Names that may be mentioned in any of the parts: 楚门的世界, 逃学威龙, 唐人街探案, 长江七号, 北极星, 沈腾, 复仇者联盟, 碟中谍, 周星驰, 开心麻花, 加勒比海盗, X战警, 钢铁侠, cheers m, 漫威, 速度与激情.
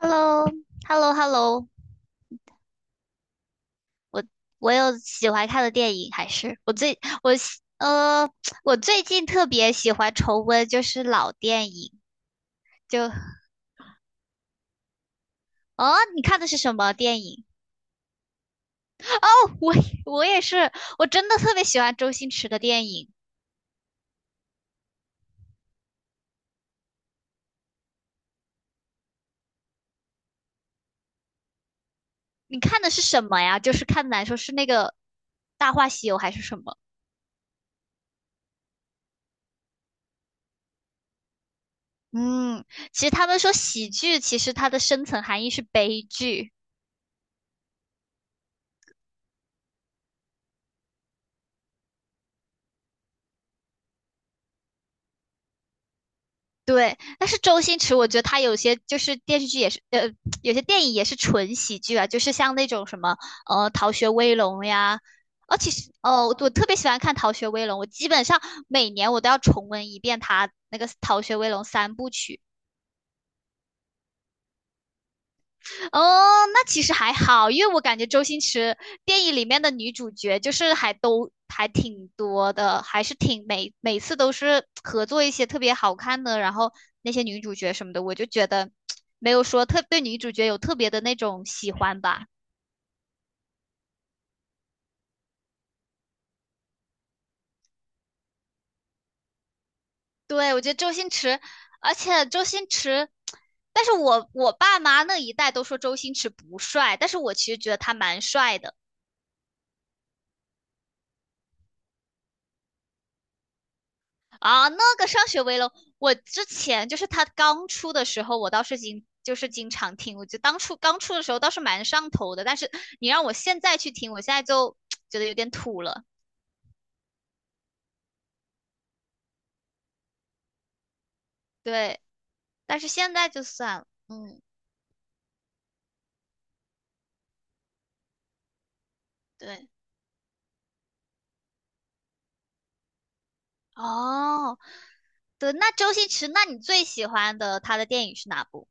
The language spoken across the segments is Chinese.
h e l l o Hello Hello 我我有喜欢看的电影，还是我最我喜呃，我最近特别喜欢重温就是老电影，就哦，你看的是什么电影？哦，我也是，我真的特别喜欢周星驰的电影。你看的是什么呀？就是看的来说是那个《大话西游》还是什么？嗯，其实他们说喜剧，其实它的深层含义是悲剧。对，但是周星驰，我觉得他有些就是电视剧也是，有些电影也是纯喜剧啊，就是像那种什么，《逃学威龙》呀，哦，其实，哦，我特别喜欢看《逃学威龙》，我基本上每年我都要重温一遍他那个《逃学威龙》三部曲。哦，那其实还好，因为我感觉周星驰电影里面的女主角就是还都还挺多的，还是挺每次都是合作一些特别好看的，然后那些女主角什么的，我就觉得没有说特对女主角有特别的那种喜欢吧。对，我觉得周星驰，而且周星驰，但是我爸妈那一代都说周星驰不帅，但是我其实觉得他蛮帅的。啊，那个上学威龙》，我之前就是他刚出的时候，我倒是就是经常听，我就当初刚出的时候倒是蛮上头的，但是你让我现在去听，我现在就 觉得有点土了。对，但是现在就算了，嗯，对，哦，对，那周星驰，那你最喜欢的他的电影是哪部？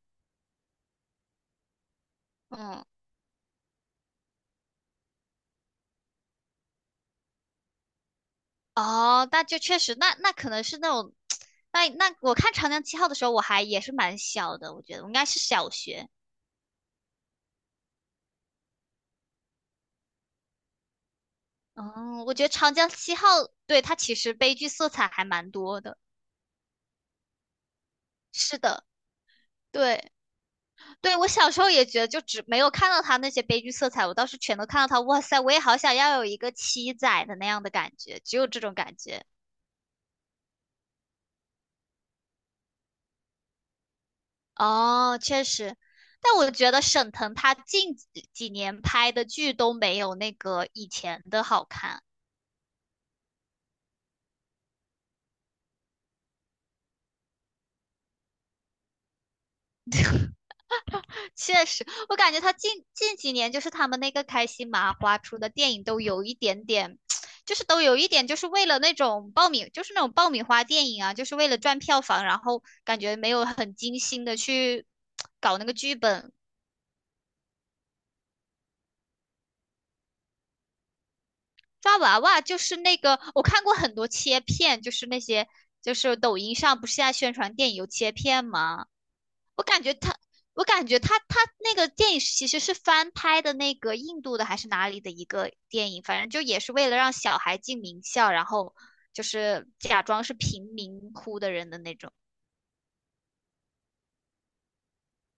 嗯，哦，那就确实，那那可能是那种，那我看《长江七号》的时候，我还也是蛮小的，我觉得我应该是小学。嗯，我觉得《长江七号》对它其实悲剧色彩还蛮多的。是的，对对，我小时候也觉得，就只没有看到他那些悲剧色彩，我倒是全都看到他。哇塞，我也好想要有一个七仔的那样的感觉，只有这种感觉。哦，确实，但我觉得沈腾他近几年拍的剧都没有那个以前的好看。确实，我感觉他近几年就是他们那个开心麻花出的电影都有一点点，就是都有一点就是为了那种就是那种爆米花电影啊，就是为了赚票房，然后感觉没有很精心的去搞那个剧本。抓娃娃就是那个，我看过很多切片，就是那些就是抖音上不是现在宣传电影有切片吗？我感觉他，我感觉他那个电影其实是翻拍的那个印度的还是哪里的一个电影，反正就也是为了让小孩进名校，然后就是假装是贫民窟的人的那种。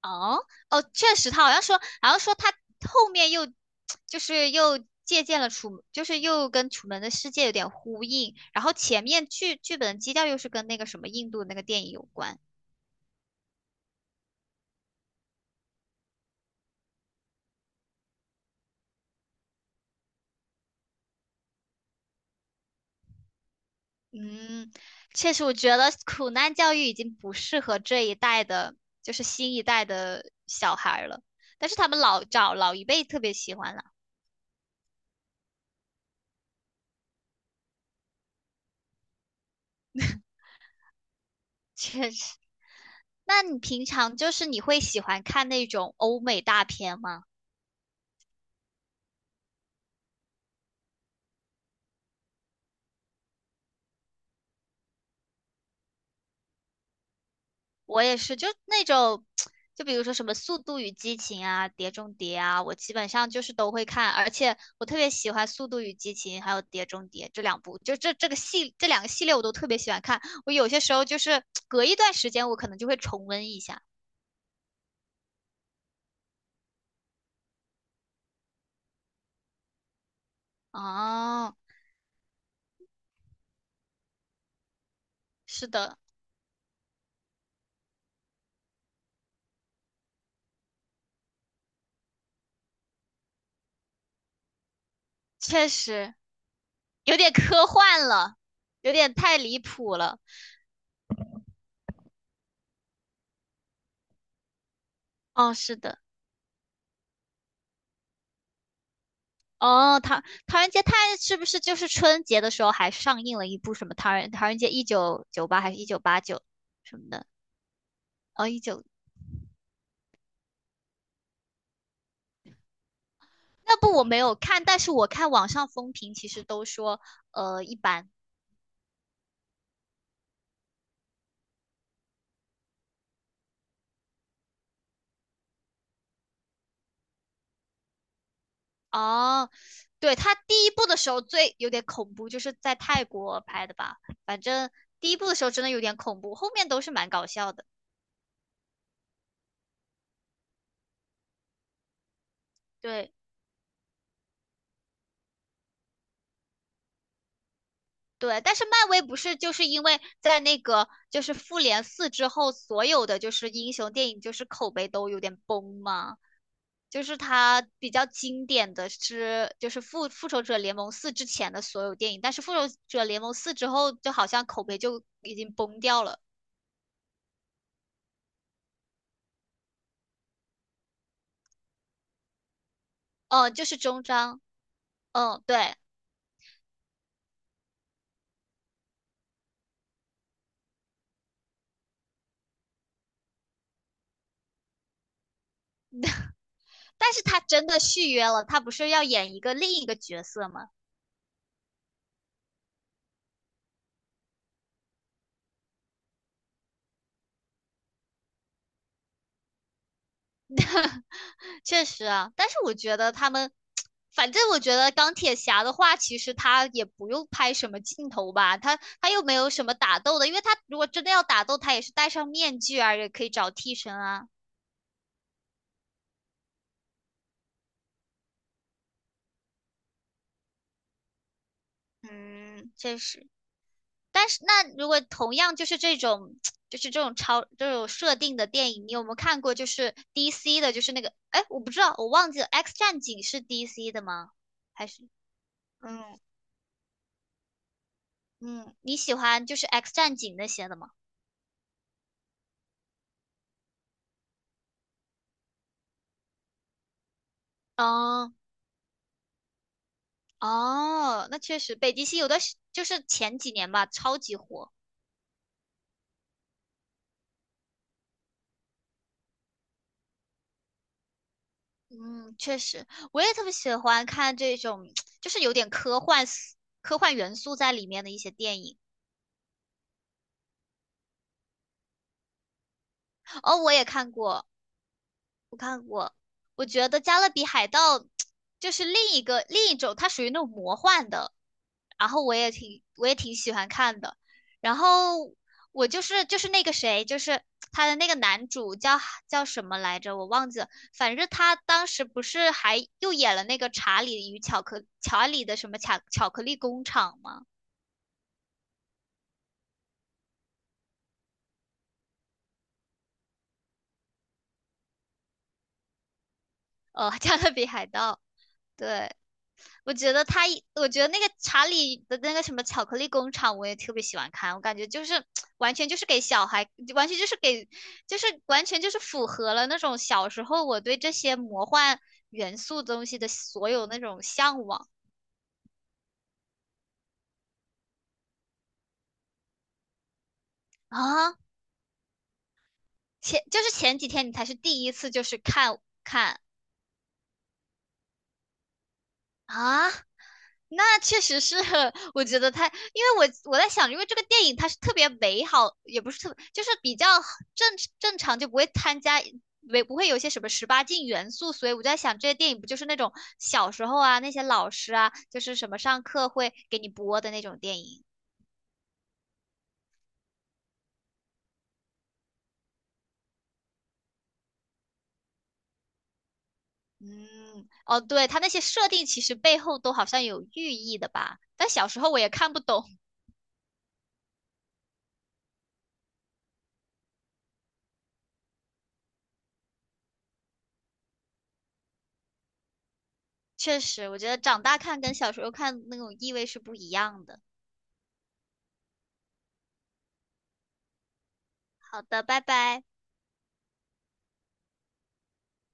哦哦，确实，他好像说，好像说他后面又就是又借鉴了就是又跟《楚门的世界》有点呼应，然后前面剧本的基调又是跟那个什么印度那个电影有关。嗯，确实，我觉得苦难教育已经不适合这一代的，就是新一代的小孩儿了。但是他们老找老一辈特别喜欢了，确实。那你平常就是你会喜欢看那种欧美大片吗？我也是，就那种，就比如说什么《速度与激情》啊，《碟中谍》啊，我基本上就是都会看，而且我特别喜欢《速度与激情》还有《碟中谍》这两部，就这这个系这两个系列我都特别喜欢看。我有些时候就是隔一段时间，我可能就会重温一下。哦，是的，确实有点科幻了，有点太离谱了。哦，是的。哦，《唐人街探案》它是不是就是春节的时候还上映了一部什么唐人街1998》还是1989什么的？哦，那部我没有看，但是我看网上风评其实都说一般。哦，对，他第一部的时候最有点恐怖，就是在泰国拍的吧？反正第一部的时候真的有点恐怖，后面都是蛮搞笑的。对。对，但是漫威不是就是因为在那个就是复联四之后，所有的就是英雄电影就是口碑都有点崩吗？就是它比较经典的是就是复仇者联盟四之前的所有电影，但是复仇者联盟四之后就好像口碑就已经崩掉了。嗯，就是终章。嗯，对，但是他真的续约了，他不是要演一个另一个角色吗？确实啊，但是我觉得他们，反正我觉得钢铁侠的话，其实他也不用拍什么镜头吧，他又没有什么打斗的，因为他如果真的要打斗，他也是戴上面具啊，也可以找替身啊。嗯，确实。但是那如果同样就是这种，就是这种设定的电影，你有没有看过？就是 DC 的，就是那个，哎，我不知道，我忘记了，《X 战警》是 DC 的吗？还是嗯嗯，你喜欢就是《X 战警》那些的吗？哦哦，那确实，北极星有的时就是前几年吧，超级火。嗯，确实，我也特别喜欢看这种，就是有点科幻元素在里面的一些电影。哦，我看过，我觉得《加勒比海盗》就是另一种，它属于那种魔幻的，然后我也挺喜欢看的。然后我就是那个谁，就是他的那个男主叫什么来着，我忘记了。反正他当时不是还又演了那个查理的什么巧克力工厂吗？哦，加勒比海盗，对，我觉得那个查理的那个什么巧克力工厂，我也特别喜欢看，我感觉就是 完全就是给小孩，完全就是给，就是完全就是符合了那种小时候我对这些魔幻元素东西的所有那种向往啊。就是前几天你才是第一次就是看啊。那确实是，我觉得他，因为我在想，因为这个电影它是特别美好，也不是特，就是比较正正常，就不会参加，没不会有一些什么十八禁元素，所以我就在想，这些电影不就是那种小时候啊，那些老师啊，就是什么上课会给你播的那种电影。嗯，哦，对，它那些设定其实背后都好像有寓意的吧，但小时候我也看不懂。确实，我觉得长大看跟小时候看那种意味是不一样的。好的，拜拜。